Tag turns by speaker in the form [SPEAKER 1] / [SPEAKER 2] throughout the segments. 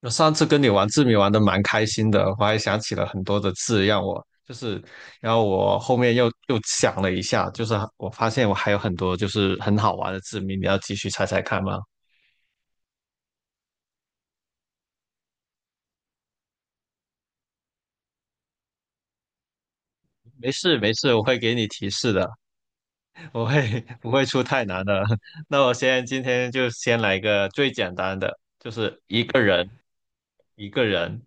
[SPEAKER 1] 我上次跟你玩字谜玩的蛮开心的，我还想起了很多的字，让我就是，然后我后面又想了一下，就是我发现我还有很多就是很好玩的字谜，你要继续猜猜看吗？没事没事，我会给你提示的，我会 不会出太难的。那我先今天就先来一个最简单的，就是一个人一个人，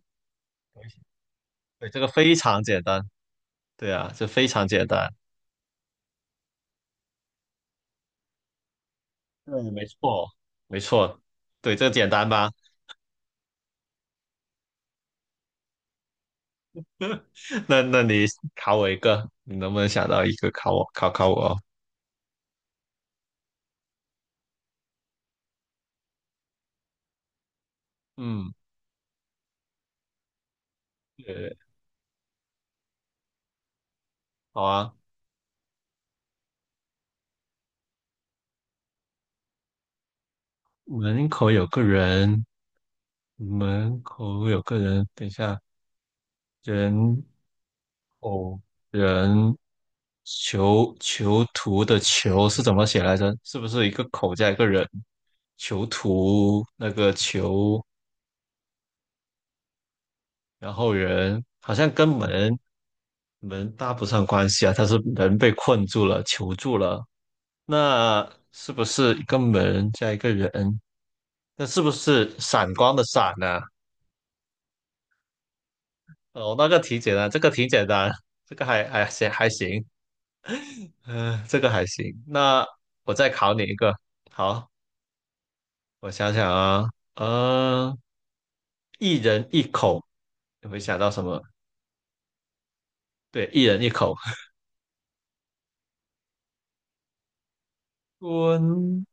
[SPEAKER 1] 对，这个非常简单，对啊，这非常简单，对，没错没错，对，这简单吧？那你考我一个，你能不能想到一个考考我？嗯，对，好啊。门口有个人，门口有个人，等一下，人偶人囚囚徒的囚是怎么写来着？是不是一个口加一个人？囚徒那个囚，然后人好像跟门搭不上关系啊，他是人被困住了，囚住了，那是不是一个门加一个人？那是不是闪光的闪呢、哦，那个挺简单，这个挺简单，这个还行还行，嗯、这个还行。那我再考你一个，好，我想想啊，呃，一人一口，你会想到什么？对，一人一口，吞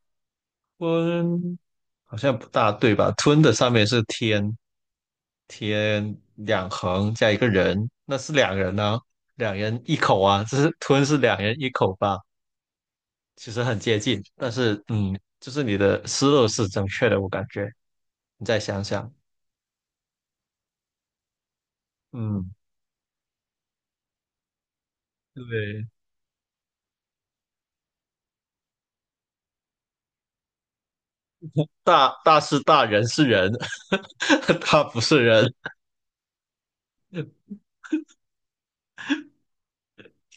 [SPEAKER 1] 吞，好像不大对吧？吞的上面是天，天两横加一个人，那是两人呢？两人一口啊，这是吞是两人一口吧？其实很接近，但是就是你的思路是正确的，我感觉。你再想想，嗯，对，大是大，人是人，他不是人，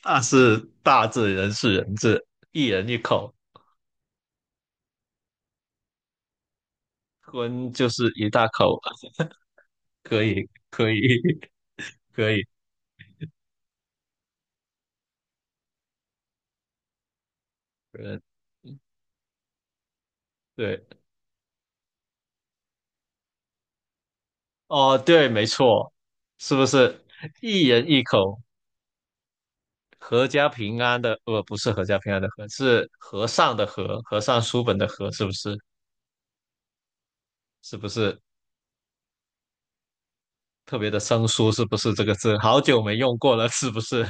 [SPEAKER 1] 大是大字，人是人字，一人一口，吞就是一大口，可以，可以 可以，嗯，对。哦，对，没错，是不是一人一口，阖家平安的？不是阖家平安的阖，是和尚的和，和尚书本的和，是不是？是不是特别的生疏？是不是这个字？好久没用过了，是不是？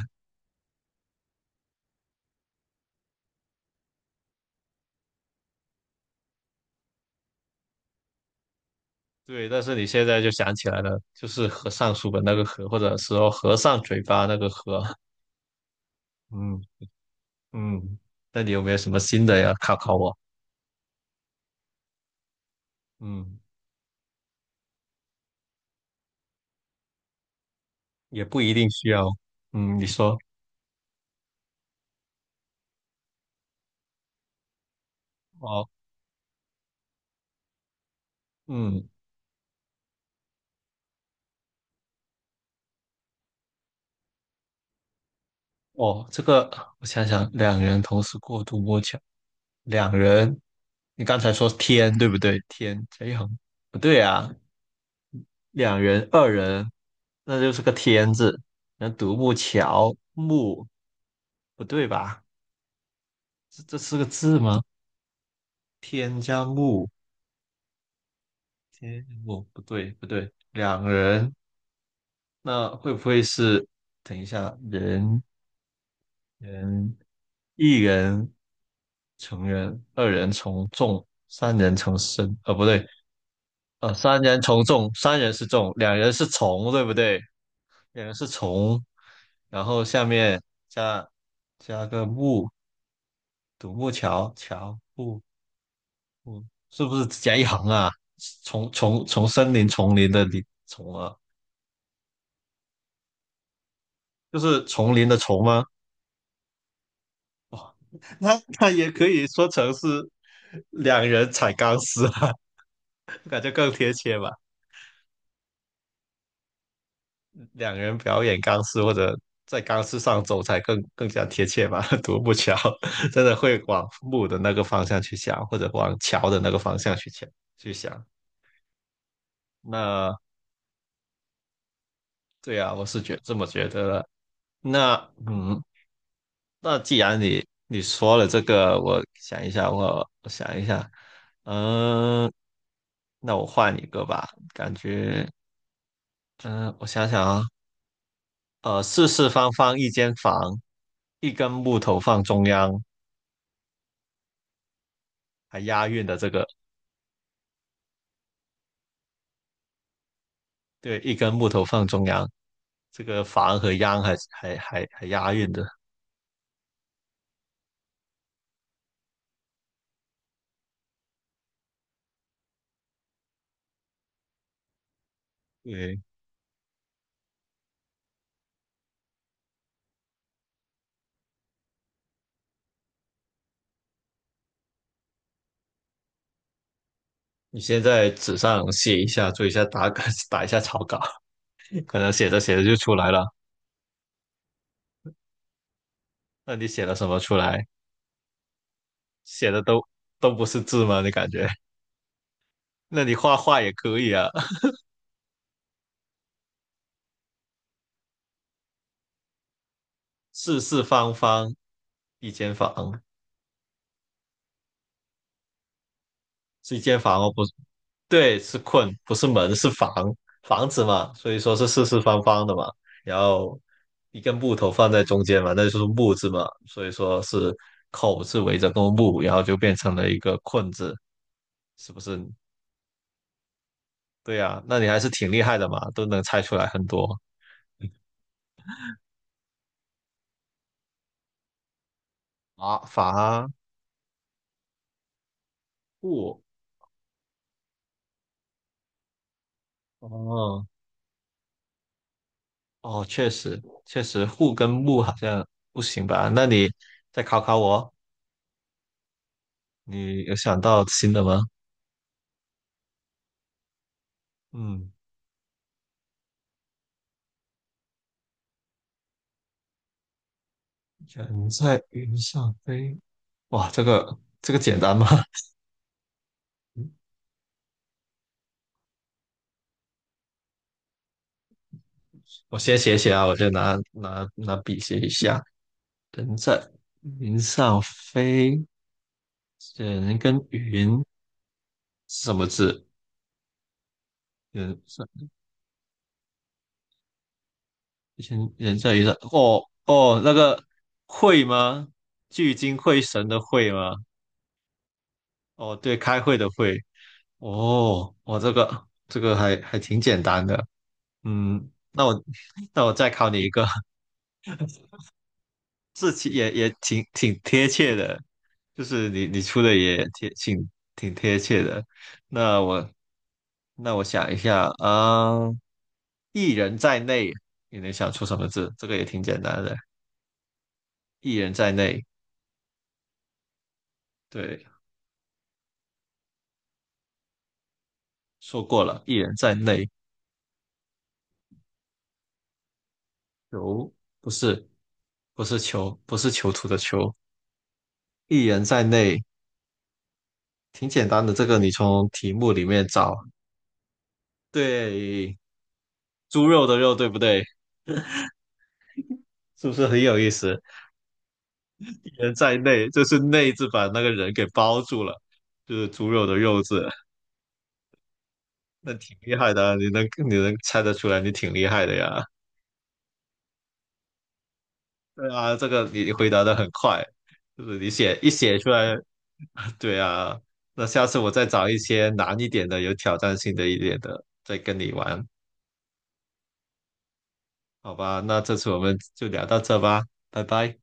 [SPEAKER 1] 对，但是你现在就想起来了，就是和尚书本那个和，或者说和尚嘴巴那个和。嗯嗯，那你有没有什么新的呀？考考我。嗯，也不一定需要。嗯，你说。哦，嗯。哦，这个我想想，两人同时过独摸桥，两人，你刚才说天对不对？天这横不对啊，两人、二人，那就是个天字。那独木桥木不对吧？这是个字吗？天加木，天加木不对不对，两人那会不会是？等一下，人一人成人，二人从众，三人成森。不对，三人从众，三人是众，两人是从，对不对？两人是从，然后下面加加个木，独木桥，桥木木，是不是只加一行啊？从森林丛林的林丛啊，就是丛林的丛吗？那也可以说成是两人踩钢丝啊，感觉更贴切吧。两个人表演钢丝或者在钢丝上走才更加贴切吧。独木桥 真的会往木的那个方向去想，或者往桥的那个方向去想。那对啊，我是这么觉得的。那嗯，那既然你说了这个，我想一下，我想一下，嗯，那我换一个吧，感觉嗯，我想想啊，四四方方一间房，一根木头放中央。还押韵的这个，对，一根木头放中央，这个房和央还押韵的。对，你先在纸上写一下，做一下打稿，打一下草稿，可能写着写着就出来了。那你写了什么出来？写的都不是字吗？你感觉？那你画画也可以啊。四四方方一间房，是一间房哦，不对，是困，不是门，是房，房子嘛，所以说是四四方方的嘛，然后一根木头放在中间嘛，那就是木字嘛，所以说是口字围着个木，然后就变成了一个困字，是不是？对呀，那你还是挺厉害的嘛，都能猜出来很多。啊，伐木，哦哦，确实确实，户跟木好像不行吧？那你再考考我，你有想到新的吗？嗯。人在云上飞，哇，这个简单吗？我先写写啊，我先拿笔写一下。人在云上飞，人跟云是什么字？人在人在云上，哦哦，那个会吗？聚精会神的会吗？哦，对，开会的会。哦，我这个还挺简单的。嗯，那我 那我再考你一个。这期也挺贴切的，就是你出的也挺贴切的。那我想一下啊，一人在内，你能想出什么字？这个也挺简单的，一人在内。对，说过了，一人在内。囚不是不是囚，不是囚徒的囚，一人在内，挺简单的。这个你从题目里面找，对，猪肉的肉，对不对？是不是很有意思？人在内，就是内字把那个人给包住了，就是猪肉的肉字，那挺厉害的啊你能猜得出来，你挺厉害的呀。对啊，这个你回答的很快，就是你写一写出来，对啊。那下次我再找一些难一点的，有挑战性的一点的，再跟你玩，好吧？那这次我们就聊到这吧，拜拜。